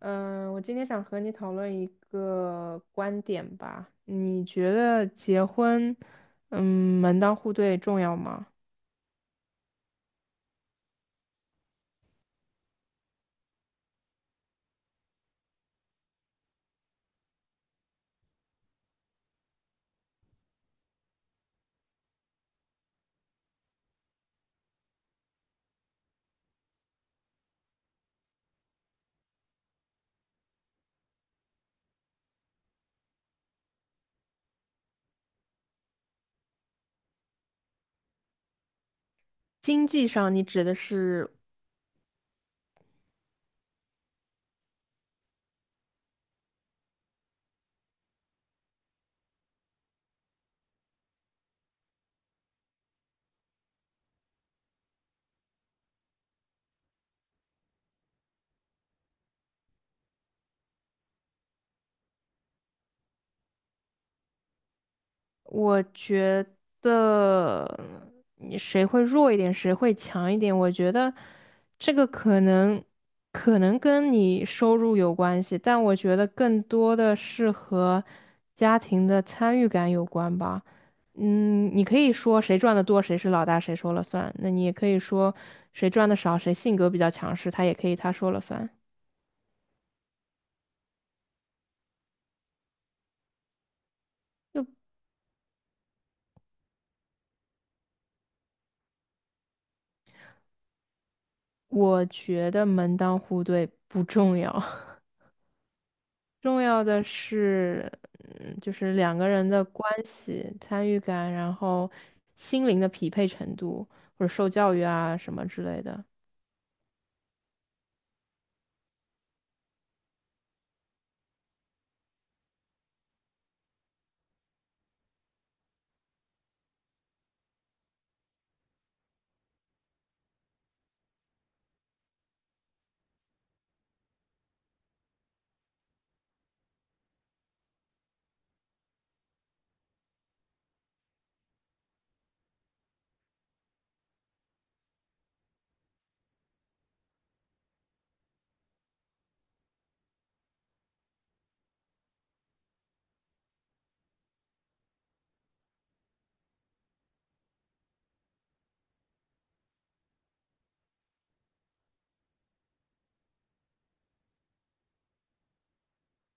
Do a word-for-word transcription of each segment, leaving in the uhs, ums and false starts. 嗯，我今天想和你讨论一个观点吧。你觉得结婚，嗯，门当户对重要吗？经济上，你指的是我觉得你谁会弱一点，谁会强一点，我觉得这个可能可能跟你收入有关系，但我觉得更多的是和家庭的参与感有关吧。嗯，你可以说谁赚的多，谁是老大，谁说了算。那你也可以说谁赚的少，谁性格比较强势，他也可以他说了算。就我觉得门当户对不重要。重要的是，嗯，就是两个人的关系、参与感，然后心灵的匹配程度，或者受教育啊什么之类的。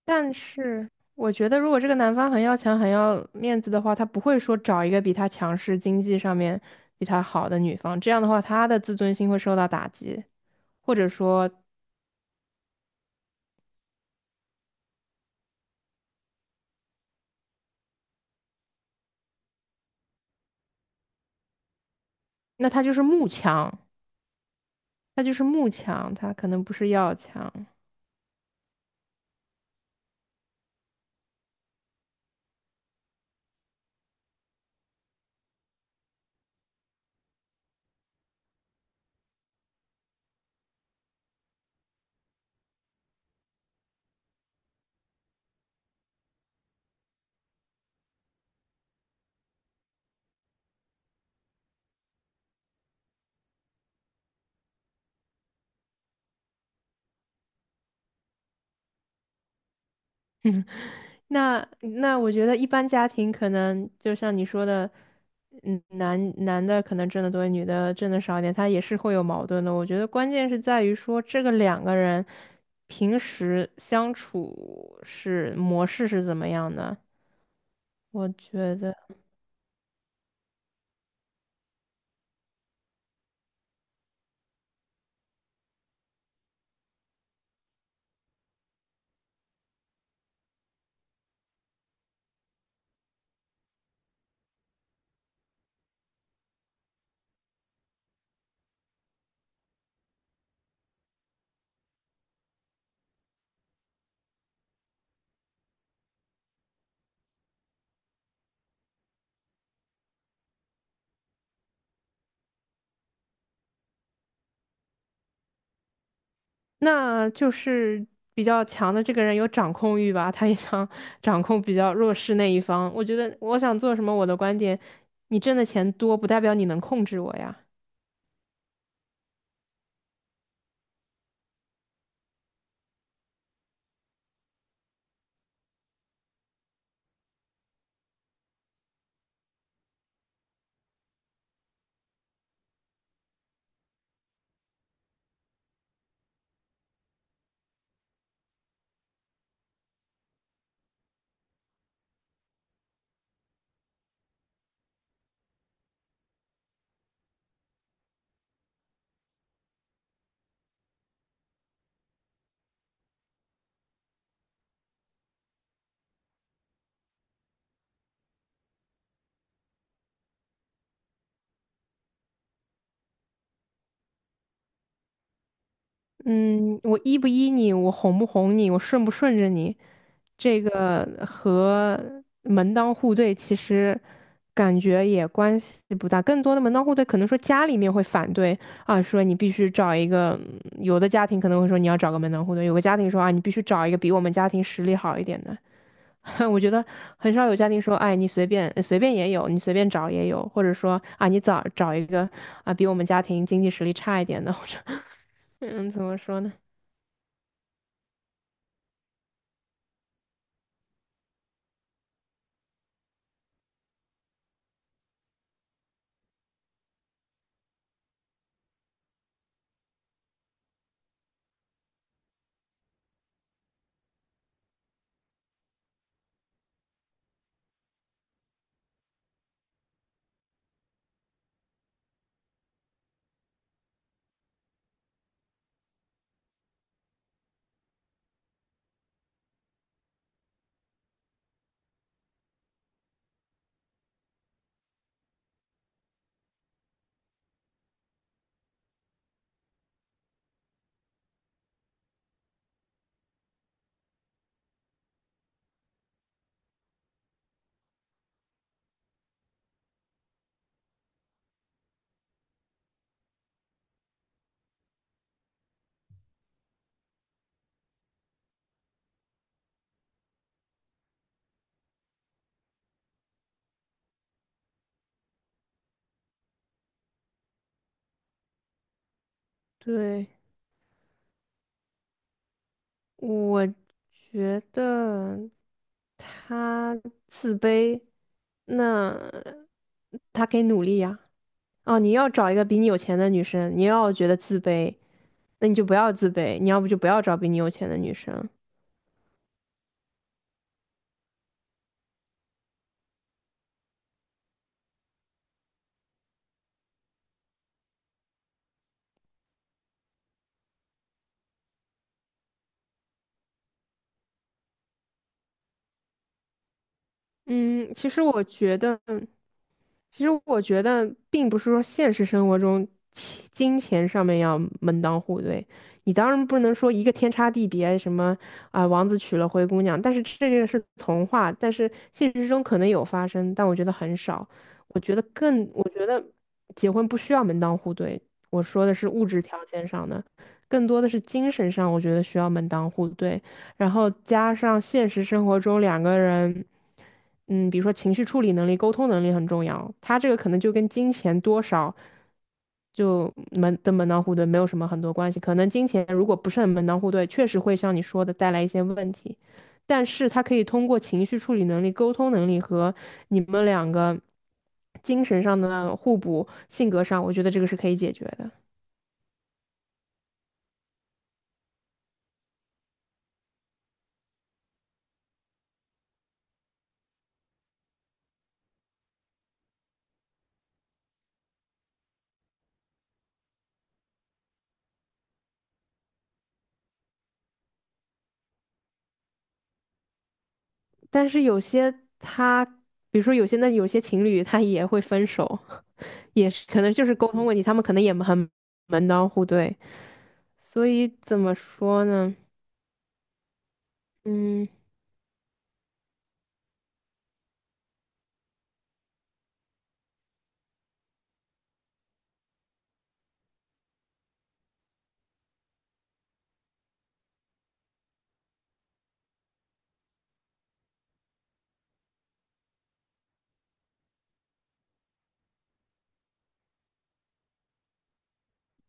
但是我觉得，如果这个男方很要强、很要面子的话，他不会说找一个比他强势、经济上面比他好的女方，这样的话，他的自尊心会受到打击，或者说，那他就是慕强，他就是慕强，他可能不是要强。那那我觉得一般家庭可能就像你说的，嗯，男男的可能挣得多，女的挣得少一点，他也是会有矛盾的。我觉得关键是在于说这个两个人平时相处是模式是怎么样的。我觉得那就是比较强的这个人有掌控欲吧，他也想 掌控比较弱势那一方。我觉得我想做什么，我的观点，你挣的钱多不代表你能控制我呀。嗯，我依不依你，我哄不哄你，我顺不顺着你，这个和门当户对其实感觉也关系不大。更多的门当户对，可能说家里面会反对啊，说你必须找一个，有的家庭可能会说你要找个门当户对，有个家庭说啊，你必须找一个比我们家庭实力好一点的。我觉得很少有家庭说，哎，你随便随便也有，你随便找也有，或者说啊，你找找一个啊比我们家庭经济实力差一点的，或者 嗯，怎么说呢？对。我觉得他自卑，那他可以努力呀。哦，你要找一个比你有钱的女生，你要觉得自卑，那你就不要自卑，你要不就不要找比你有钱的女生。嗯，其实我觉得。其实我觉得，并不是说现实生活中钱金钱上面要门当户对，你当然不能说一个天差地别，什么啊、王子娶了灰姑娘，但是这个是童话，但是现实中可能有发生，但我觉得很少。我觉得更，我觉得结婚不需要门当户对，我说的是物质条件上的，更多的是精神上，我觉得需要门当户对。然后加上现实生活中两个人，嗯，比如说情绪处理能力、沟通能力很重要。他这个可能就跟金钱多少就门的门当户对没有什么很多关系。可能金钱如果不是很门当户对，确实会像你说的带来一些问题，但是他可以通过情绪处理能力、沟通能力和你们两个精神上的互补、性格上，我觉得这个是可以解决的。但是有些他，比如说有些那有些情侣他也会分手。也是可能就是沟通问题，他们可能也很门当户对，所以怎么说呢？嗯，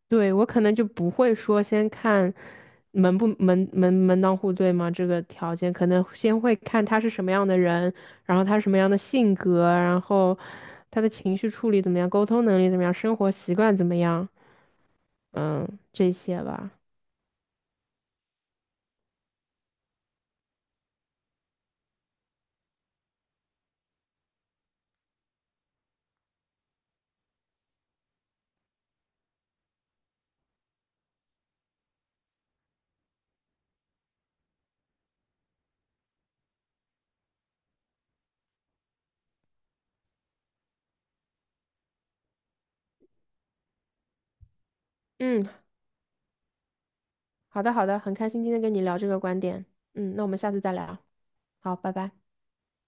对我可能就不会说先看门不门门门当户对吗？这个条件，可能先会看他是什么样的人，然后他是什么样的性格，然后他的情绪处理怎么样，沟通能力怎么样，生活习惯怎么样，嗯，这些吧。嗯，好的好的，很开心今天跟你聊这个观点。嗯，那我们下次再聊。好，拜拜。